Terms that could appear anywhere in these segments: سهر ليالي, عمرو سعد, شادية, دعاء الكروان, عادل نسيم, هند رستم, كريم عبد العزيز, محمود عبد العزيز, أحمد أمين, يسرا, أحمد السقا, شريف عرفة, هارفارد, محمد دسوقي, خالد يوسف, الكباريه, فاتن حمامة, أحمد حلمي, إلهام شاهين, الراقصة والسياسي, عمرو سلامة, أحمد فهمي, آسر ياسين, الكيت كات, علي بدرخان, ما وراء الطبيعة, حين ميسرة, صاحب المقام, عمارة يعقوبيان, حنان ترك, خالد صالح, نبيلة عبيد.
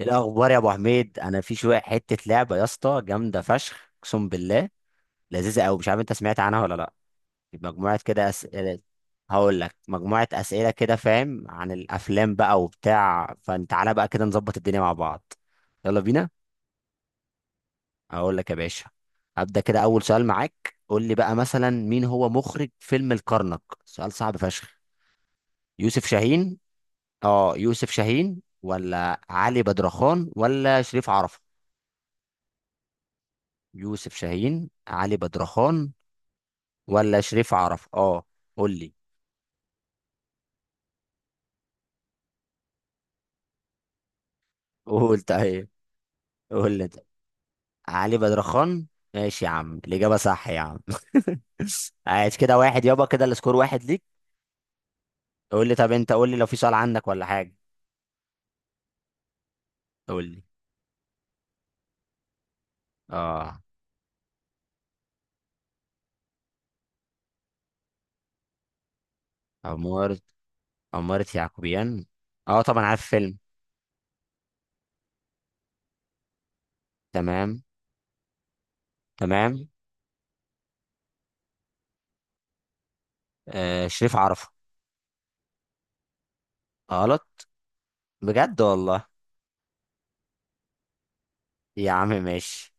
إيه الاخبار يا ابو حميد؟ انا في شويه حته لعبه يا اسطى، جامده فشخ اقسم بالله، لذيذه قوي. مش عارف انت سمعت عنها ولا لا. مجموعه كده اسئله. هقول لك مجموعه اسئله كده، فاهم؟ عن الافلام بقى وبتاع، فانت تعالى بقى كده نظبط الدنيا مع بعض. يلا بينا. اقول لك يا باشا، هبدا كده اول سؤال معاك. قول لي بقى مثلا، مين هو مخرج فيلم الكرنك؟ سؤال صعب فشخ. يوسف شاهين اه يوسف شاهين، ولا علي بدرخان، ولا شريف عرفة؟ يوسف شاهين، علي بدرخان، ولا شريف عرف، قول لي. قول طيب. قول لي طيب. علي بدرخان. ماشي يا عم، الإجابة صح يا عم. عايز كده واحد يابا، كده السكور واحد ليك. قول لي طب، انت قول لي لو في سؤال عندك ولا حاجة. قول لي. اه عمارة، عمارة يعقوبيان. اه طبعا عارف فيلم. تمام، تمام. آه، شريف عرفة. غلط. بجد والله. يا عم ماشي.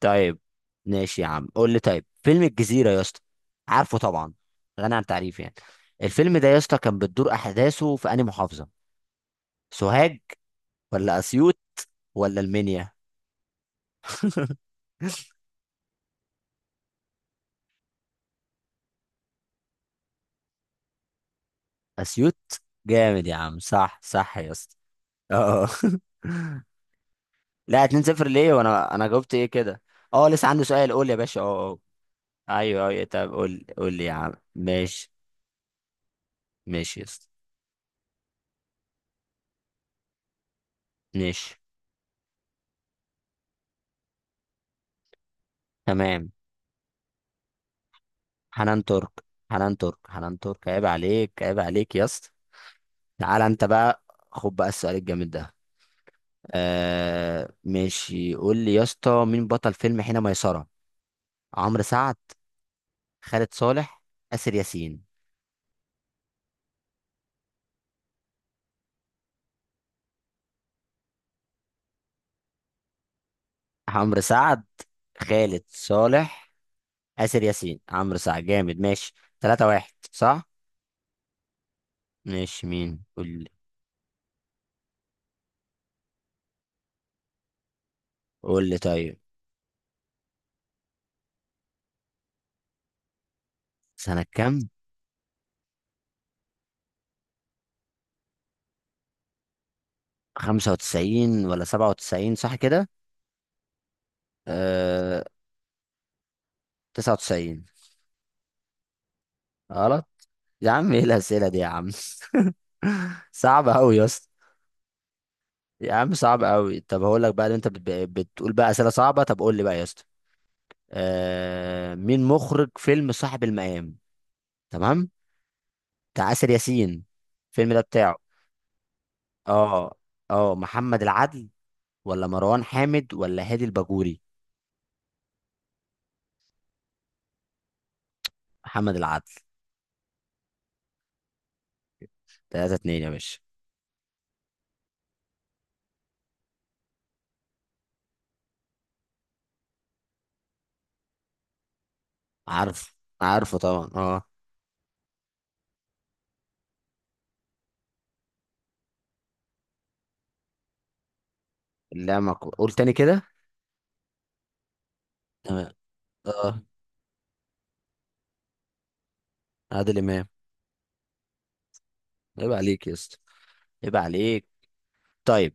طيب. ماشي يا عم، قول لي طيب فيلم الجزيرة يا اسطى. عارفه طبعا، غني عن تعريف يعني. الفيلم ده يا اسطى كان بتدور احداثه في انهي محافظة؟ سوهاج، ولا اسيوط، ولا المنيا؟ اسيوط، جامد يا عم. صح صح يا اسطى. اه. لا، 2 0 ليه؟ وانا جاوبت ايه كده؟ اه لسه عندي سؤال. قول يا باشا. اه. ايوه ايوه، طب قول، قول لي يا عم. ماشي. ماشي يا اسطى. ماشي. تمام. حنان ترك، حنان ترك، حنان ترك. عيب عليك، عيب عليك يا اسطى. تعالى انت بقى. خد بقى السؤال الجامد ده. آه ماشي، قول لي يا اسطى، مين بطل فيلم حين ميسرة؟ عمرو سعد، خالد صالح، آسر ياسين؟ عمرو سعد، خالد صالح، آسر ياسين. عمرو سعد، جامد. ماشي. 3 واحد، صح. ماشي، مين؟ قول لي. قول لي طيب. سنة كام؟ 95 ولا 97، صح كده؟ آه، 99. غلط. يا عم ايه الأسئلة دي يا عم. صعبة أوي يا اسطى. يا عم صعب قوي. طب هقول لك بقى، اللي انت بتقول بقى اسئله صعبه، طب قول لي بقى يا اسطى. آه، مين مخرج فيلم صاحب المقام؟ تمام. بتاع آسر ياسين، الفيلم ده بتاعه. اه. اه محمد العدل، ولا مروان حامد، ولا هادي الباجوري؟ محمد العدل. ثلاثة اتنين يا باشا. عارف. عارفه طبعا اه. لا ما ك- قول تاني كده. تمام. اه. عادل امام. عيب عليك يا اسطى، عيب عليك. طيب.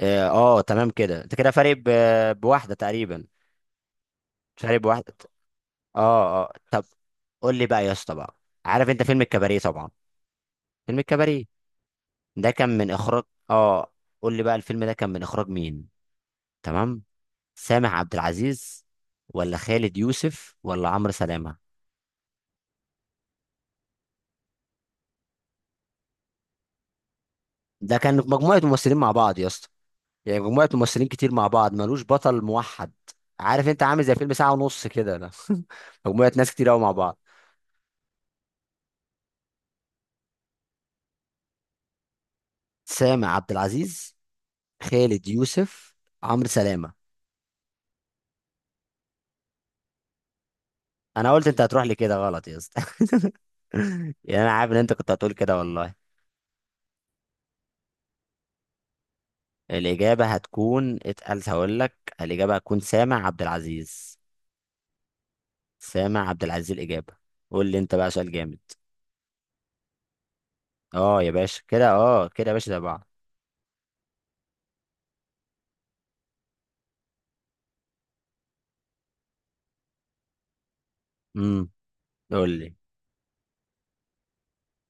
اه، آه، تمام كده. انت كده فارق بواحدة تقريبا. شارب واحد. اه. اه طب، قول لي بقى يا اسطى بقى. عارف انت فيلم الكباريه طبعا. فيلم الكباريه ده كان من اخراج. اه. قول لي بقى، الفيلم ده كان من اخراج مين؟ تمام. سامح عبد العزيز، ولا خالد يوسف، ولا عمرو سلامه؟ ده كان مجموعه ممثلين مع بعض يا اسطى. يعني مجموعه ممثلين كتير مع بعض، ملوش بطل موحد. عارف، انت عامل زي فيلم ساعه ونص كده ده. مجموعه ناس كتير قوي مع بعض. سامح عبد العزيز، خالد يوسف، عمرو سلامه. انا قلت انت هتروح لي كده، غلط يا اسطى. يعني انا عارف ان انت كنت هتقول كده والله. الاجابه هتكون اتقل، هقول لك. الاجابه هتكون سامع عبد العزيز. سامع عبد العزيز الاجابه. قول لي انت بقى سؤال جامد. اه يا باشا، كده اه، كده يا باشا ده بعض. امم قول لي.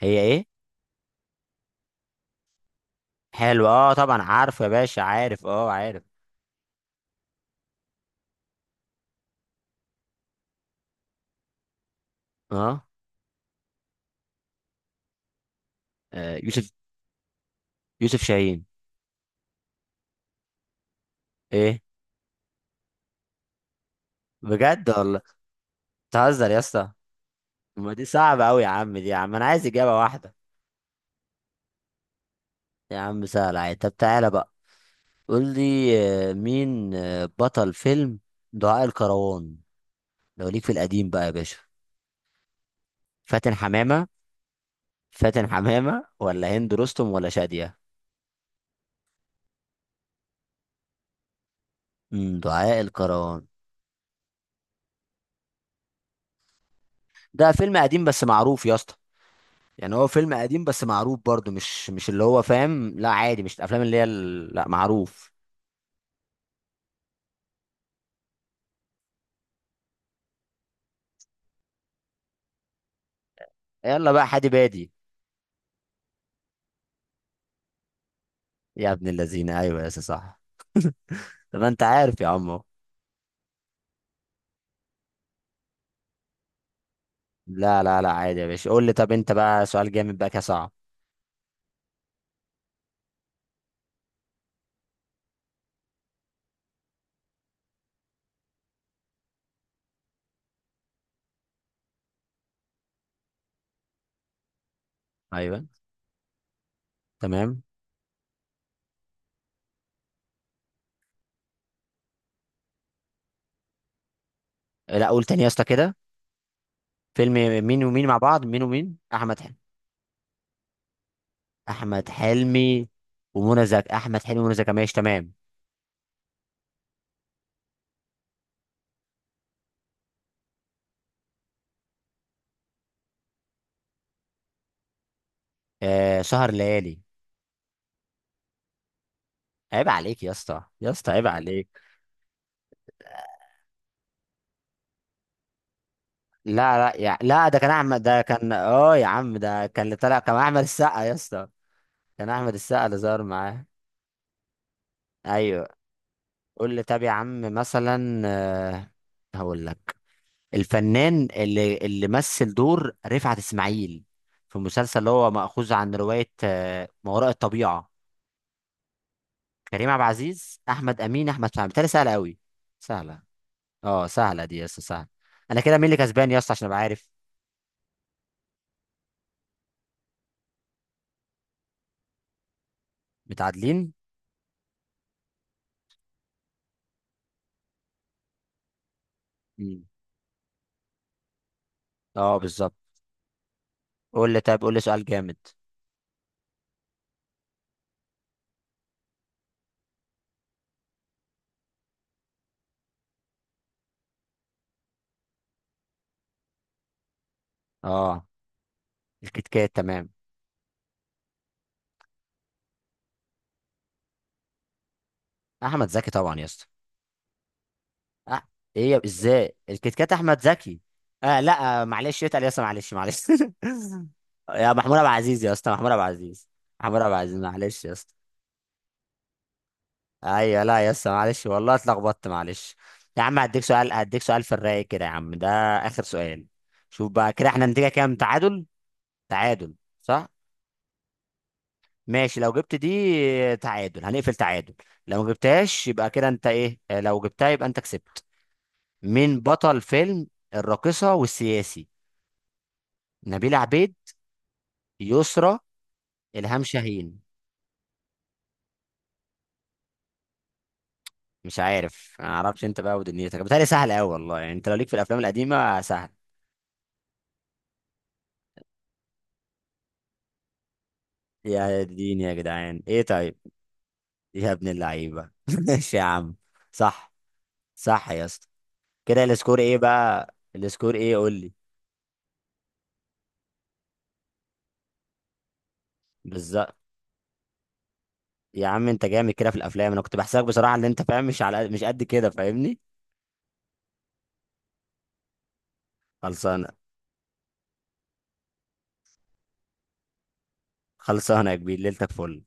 هي ايه؟ حلو اه، طبعا عارف يا باشا، عارف اه، عارف. اه. آه، يوسف. يوسف شاهين. ايه؟ بجد والله؟ بتهزر يا اسطى. ما دي صعبه قوي يا عم، دي يا عم انا عايز اجابه واحده. يا عم سهل عادي، طب تعالى بقى. قول لي. آه، مين آه، بطل فيلم دعاء الكروان؟ لو ليك في القديم بقى يا باشا. فاتن حمامة. فاتن حمامة، ولا هند رستم، ولا شادية؟ دعاء الكروان. ده فيلم قديم بس معروف يا اسطى. يعني هو فيلم قديم بس معروف برضه، مش مش اللي هو فاهم، لا عادي، مش الافلام اللي هي لا معروف. يلا بقى حادي بادي. يا ابن اللذين، ايوه يا اسطى، صح. طب انت عارف يا عمو. لا لا لا، عادي يا باشا. قول لي طب انت بقى سؤال جامد بقى كده، صعب. ايوه. تمام. لا قول تاني يا اسطى كده. فيلم مين ومين مع بعض؟ مين ومين؟ احمد حلمي. احمد حلمي ومنى زكي. احمد حلمي ومنى زكي، ماشي تمام. آه، سهر ليالي. عيب عليك يا اسطى، يا اسطى عيب عليك. لا لا يا لا، ده كان احمد، ده كان يا عم، ده كان اللي طلع كان احمد السقا يا اسطى. كان احمد السقا اللي ظهر معاه. ايوه. قول لي طب يا عم، مثلا آه، هقول لك، الفنان اللي مثل دور رفعت اسماعيل في مسلسل اللي هو مأخوذ عن رواية، آه، ما وراء الطبيعة. كريم عبد العزيز، احمد امين، احمد فهمي؟ بتهيألي سهله قوي، سهله. اه سهله دي يا اسطى، سهله. انا كده مين اللي كسبان يا اسطى عشان ابقى عارف؟ متعادلين. مم. اه بالظبط. قول لي طيب، قول لي سؤال جامد. اه. الكيت كات، تمام. احمد زكي طبعا يا اسطى. أه. ايه ازاي الكيت كات احمد زكي؟ آه لا، آه معلش، اتقل يا اسطى، معلش معلش. يا محمود عبد العزيز يا اسطى، محمود عبد العزيز. محمود عبد العزيز، معلش يا اسطى. ايوه. لا يا اسطى، معلش والله اتلخبطت، معلش. يا عم هديك سؤال، هديك سؤال في الرايق كده يا عم ده. اخر سؤال. شوف بقى كده احنا نتيجه كام. تعادل. تعادل. صح. ماشي، لو جبت دي تعادل، هنقفل تعادل. لو ما جبتهاش يبقى كده انت ايه، لو جبتها يبقى انت كسبت. مين بطل فيلم الراقصه والسياسي؟ نبيلة عبيد، يسرا، الهام شاهين؟ مش عارف، ما اعرفش انت بقى ودنيتك. بتهيألي سهل قوي والله، يعني انت لو ليك في الافلام القديمه سهل. يا دين، يا جدعان ايه طيب. يا ابن اللعيبة. ماشي يا عم. صح، صح يا اسطى. كده السكور ايه بقى، السكور ايه، قول لي. بالظبط. يا عم انت جامد كده في الافلام، انا كنت بحسك بصراحة ان انت فاهم، مش على مش قد كده، فاهمني. خلصانة. خلصانة يا كبير، ليلتك فل.